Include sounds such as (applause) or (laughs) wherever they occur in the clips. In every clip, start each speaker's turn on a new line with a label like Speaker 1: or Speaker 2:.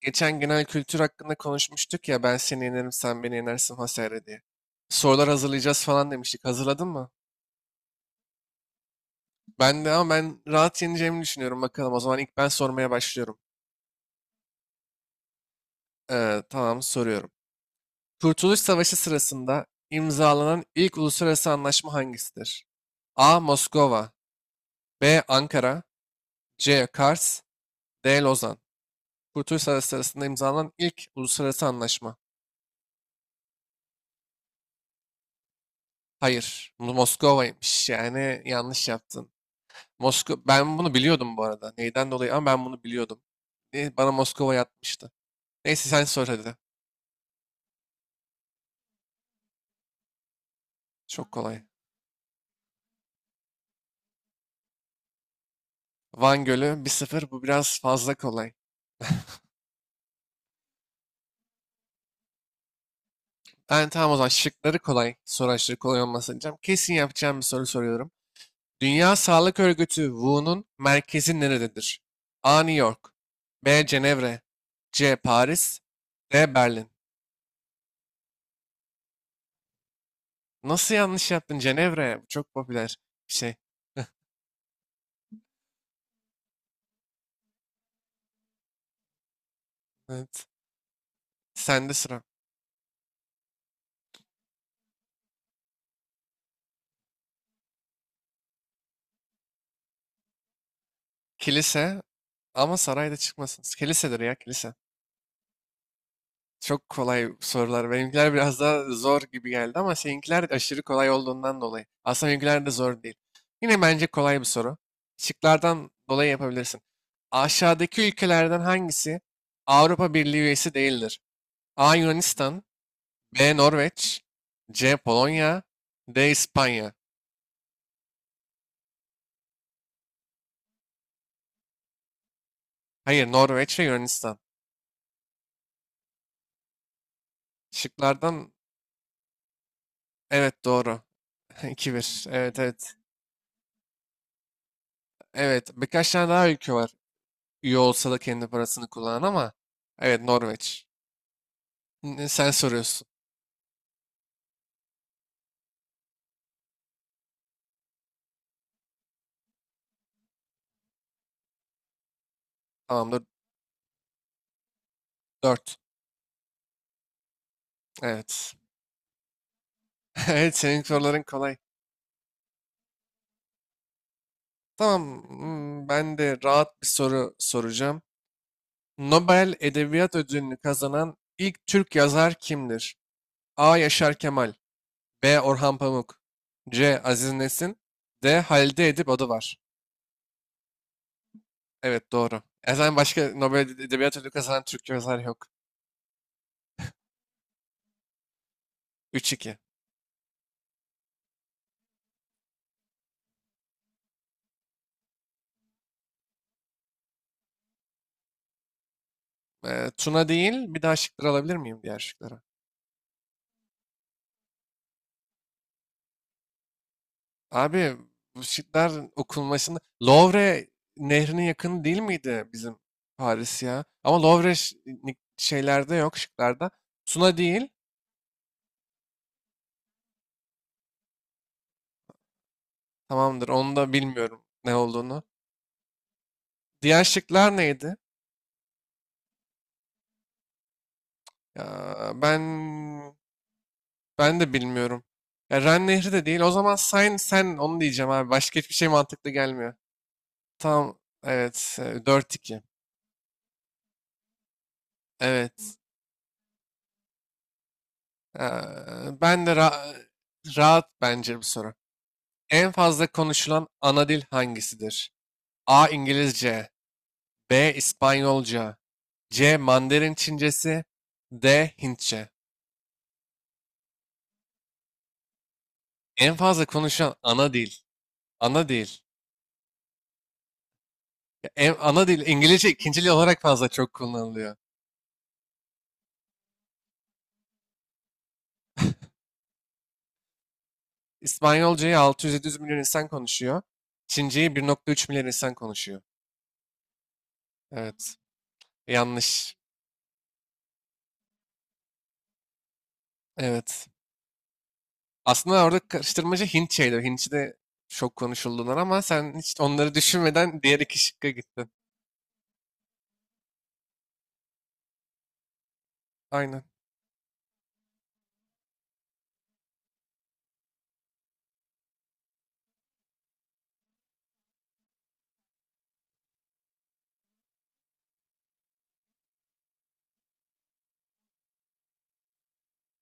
Speaker 1: Geçen genel kültür hakkında konuşmuştuk ya, ben seni yenerim sen beni yenersin vesaire diye. Sorular hazırlayacağız falan demiştik. Hazırladın mı? Ben de, ama ben rahat yeneceğimi düşünüyorum, bakalım. O zaman ilk ben sormaya başlıyorum. Tamam, soruyorum. Kurtuluş Savaşı sırasında imzalanan ilk uluslararası anlaşma hangisidir? A. Moskova, B. Ankara, C. Kars, D. Lozan. Kurtuluş Savaşı sırasında imzalanan ilk uluslararası anlaşma. Hayır, Moskova'ymış. Yani yanlış yaptın. Moskova, ben bunu biliyordum bu arada. Neyden dolayı ama ben bunu biliyordum. Bana Moskova yatmıştı. Neyse, sen sor hadi. Çok kolay. Van Gölü, 1-0. Bu biraz fazla kolay. Ben, tamam o zaman, şıkları kolay. Soru aşırı kolay olmasın diyeceğim. Kesin yapacağım bir soru soruyorum. Dünya Sağlık Örgütü WHO'nun merkezi nerededir? A. New York, B. Cenevre, C. Paris, D. Berlin. Nasıl yanlış yaptın, Cenevre? Bu çok popüler bir şey. (laughs) Evet. Sende sıra. Kilise, ama sarayda çıkmasın. Kilisedir ya, kilise. Çok kolay sorular. Benimkiler biraz daha zor gibi geldi ama seninkiler aşırı kolay olduğundan dolayı. Aslında benimkiler de zor değil. Yine bence kolay bir soru. Şıklardan dolayı yapabilirsin. Aşağıdaki ülkelerden hangisi Avrupa Birliği üyesi değildir? A. Yunanistan, B. Norveç, C. Polonya, D. İspanya. Hayır, Norveç ve Yunanistan. Şıklardan, evet, doğru. (laughs) 2 bir. Evet, evet. Evet, birkaç tane daha ülke var. Üye olsa da kendi parasını kullanan ama. Evet, Norveç. Sen soruyorsun. Tamamdır. Dört. Evet. (laughs) Evet, senin soruların kolay. Tamam, ben de rahat bir soru soracağım. Nobel Edebiyat Ödülünü kazanan ilk Türk yazar kimdir? A. Yaşar Kemal, B. Orhan Pamuk, C. Aziz Nesin, D. Halide Edip Adıvar. Evet, doğru. E zaten başka Nobel Edebiyat Ödülü kazanan Türk yazar yok. 3-2. Tuna değil. Bir daha şıkları alabilir miyim, diğer şıkları? Abi, bu şıklar okunmasında Louvre nehrinin yakını değil miydi bizim, Paris ya? Ama Louvre şeylerde yok, şıklarda. Tuna değil, tamamdır. Onu da bilmiyorum ne olduğunu. Diğer şıklar neydi? Ya ben de bilmiyorum. Ya, Ren nehri de değil o zaman. Sen onu diyeceğim abi, başka hiçbir şey mantıklı gelmiyor. Tamam, evet, 4-2. Evet. Ee, ben de rahat bence bu soru. En fazla konuşulan ana dil hangisidir? A. İngilizce, B. İspanyolca, C. Mandarin Çincesi, D. Hintçe. En fazla konuşulan ana dil. Ana dil. Ya ana dil İngilizce, ikinci dil olarak fazla çok kullanılıyor. İspanyolcayı 600-700 milyon insan konuşuyor. Çinceyi 1,3 milyar insan konuşuyor. Evet. Yanlış. Evet. Aslında orada karıştırmacı Hint şeyleri. Hintçi de çok konuşuldular ama sen hiç onları (laughs) düşünmeden diğer iki şıkka gittin. Aynen.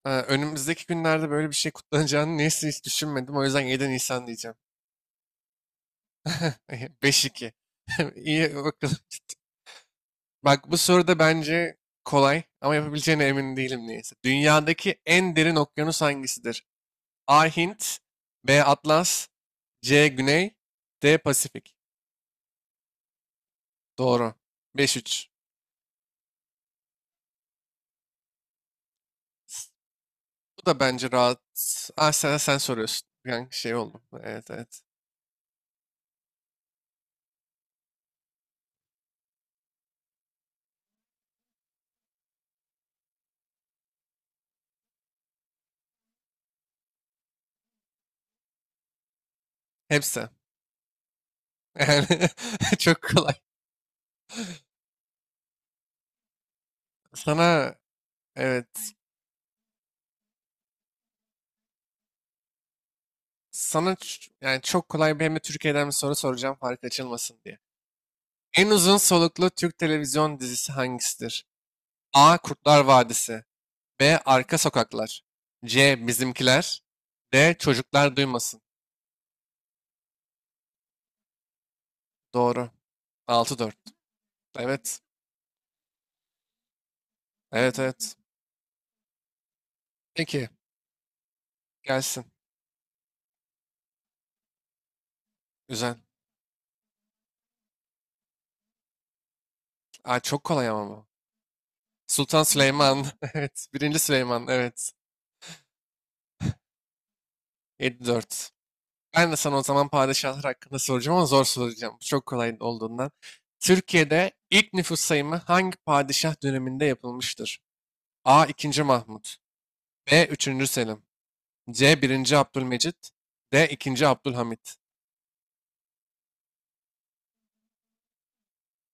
Speaker 1: Ha, önümüzdeki günlerde böyle bir şey kutlanacağını, neyse, hiç düşünmedim. O yüzden 7 Nisan diyeceğim. (laughs) 5-2. (laughs) İyi, bakalım. Bak bu soru da bence kolay, ama yapabileceğine emin değilim, neyse. Dünyadaki en derin okyanus hangisidir? A. Hint, B. Atlas, C. Güney, D. Pasifik. Doğru. 5-3. Bu da bence rahat. Ah, sen, soruyorsun. Yani şey oldu. Evet, evet. Hepsi. Yani (laughs) çok kolay. Sana, evet. Sana yani çok kolay bir, hem de Türkiye'den bir soru soracağım fark açılmasın diye. En uzun soluklu Türk televizyon dizisi hangisidir? A. Kurtlar Vadisi, B. Arka Sokaklar, C. Bizimkiler, D. Çocuklar Duymasın. Doğru. 6-4. Evet. Evet, evet. Peki, gelsin. Güzel. Aa, çok kolay ama bu. Sultan Süleyman. (laughs) Evet. Birinci Süleyman. Evet. 7-4. Ben de sana o zaman padişahlar hakkında soracağım, ama zor soracağım. Bu çok kolay olduğundan. Türkiye'de ilk nüfus sayımı hangi padişah döneminde yapılmıştır? A. 2. Mahmut, B. Üçüncü Selim, C. Birinci Abdülmecit, D. 2. Abdülhamit.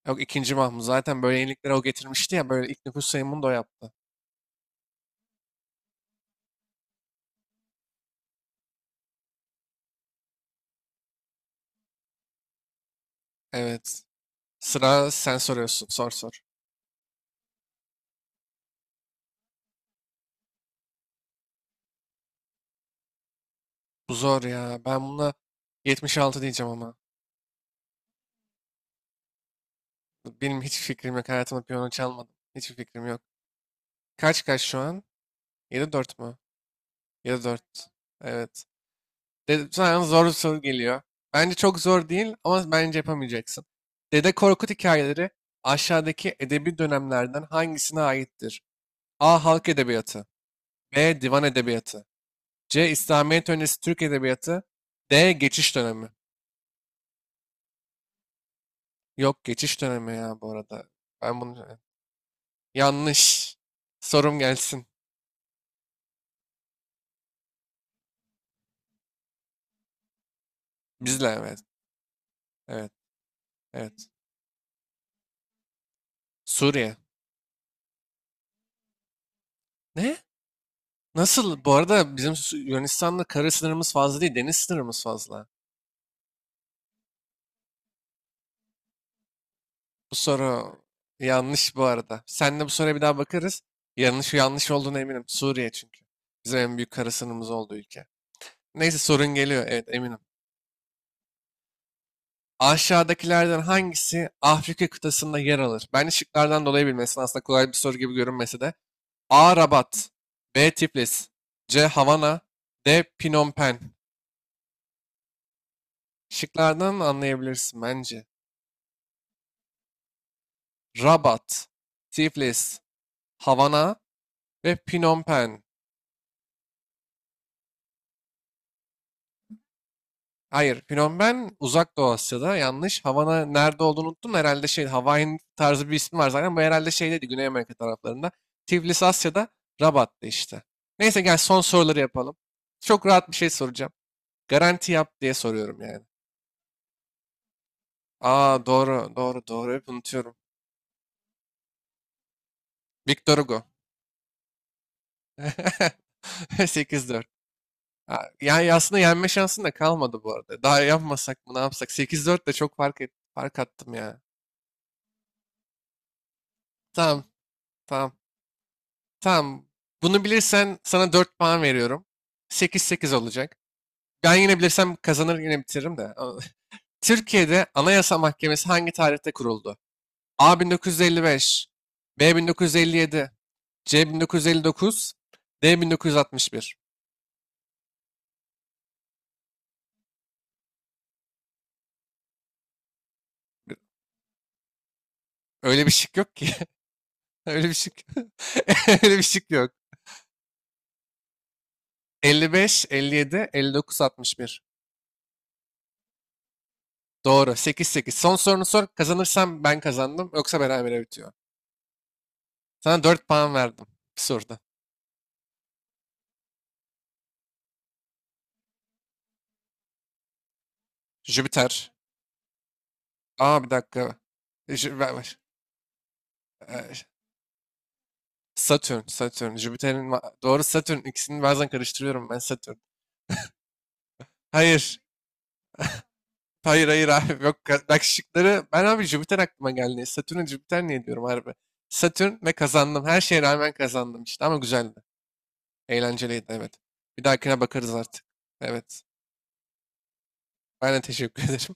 Speaker 1: Yok, 2. Mahmut. Zaten böyle yeniliklere o getirmişti ya. Böyle ilk nüfus sayımını da o yaptı. Evet. Sıra sen soruyorsun. Sor, sor. Bu zor ya. Ben buna 76 diyeceğim ama. Benim hiç fikrim yok. Hayatımda piyano çalmadım. Hiçbir fikrim yok. Kaç kaç şu an? 7-4 mu? 7-4. Evet. De sana zor bir soru geliyor. Bence çok zor değil, ama bence yapamayacaksın. Dede Korkut hikayeleri aşağıdaki edebi dönemlerden hangisine aittir? A. Halk edebiyatı, B. Divan edebiyatı, C. İslamiyet öncesi Türk edebiyatı, D. Geçiş dönemi. Yok, geçiş dönemi ya bu arada. Ben bunu, evet. Yanlış. Sorum gelsin. Bizle, evet. Evet. Evet. Suriye. Ne? Nasıl? Bu arada bizim, Yunanistan'la kara sınırımız fazla değil, deniz sınırımız fazla. Bu soru yanlış bu arada. Seninle bu soruya bir daha bakarız. Yanlış, yanlış olduğuna eminim. Suriye çünkü. Bizim en büyük kara sınırımız olduğu ülke. Neyse, sorun geliyor. Evet, eminim. Aşağıdakilerden hangisi Afrika kıtasında yer alır? Ben şıklardan dolayı bilmesin. Aslında kolay bir soru gibi görünmese de. A. Rabat, B. Tiflis, C. Havana, D. Phnom Penh. Şıklardan anlayabilirsin bence. Rabat, Tiflis, Havana ve Phnom Penh. Hayır, Phnom Penh Uzak Doğu Asya'da. Yanlış. Havana nerede olduğunu unuttum. Herhalde şey, Hawaiian tarzı bir ismi var zaten. Bu herhalde şeydeydi, Güney Amerika taraflarında. Tiflis Asya'da, Rabat'ta işte. Neyse, gel son soruları yapalım. Çok rahat bir şey soracağım. Garanti yap diye soruyorum yani. Aa, doğru, doğru, doğru. Hep unutuyorum. Victor Hugo. (laughs) 8-4. Ha, yani aslında yenme şansın da kalmadı bu arada. Daha yapmasak mı, ne yapsak? 8-4 de çok fark, et, fark attım ya. Tamam, tamam, tamam. Bunu bilirsen sana 4 puan veriyorum. 8-8 olacak. Ben yine bilirsem kazanır, yine bitiririm de. (laughs) Türkiye'de Anayasa Mahkemesi hangi tarihte kuruldu? A 1955, B 1957, C 1959, D 1961. Öyle bir şık yok ki. (laughs) Öyle bir şık. (laughs) Öyle bir şık yok. 55, 57, 59, 61. Doğru. 8, 8. Son sorunu sor. Kazanırsam ben kazandım. Yoksa berabere bitiyor. Sana 4 puan verdim. Bir soruda. Jüpiter. Aa, bir dakika. Ver. Ee, Satürn. Satürn. Jüpiter'in, doğru, Satürn. İkisini bazen karıştırıyorum ben, Satürn. Hayır. Hayır, hayır abi. Yok, bak şıkları. Ben abi Jüpiter aklıma geldi. Satürn'e Jüpiter niye diyorum harbi. Satürn, ve kazandım. Her şeye rağmen kazandım işte. Ama güzeldi. Eğlenceliydi, evet. Bir dahakine bakarız artık. Evet. Aynen, teşekkür ederim.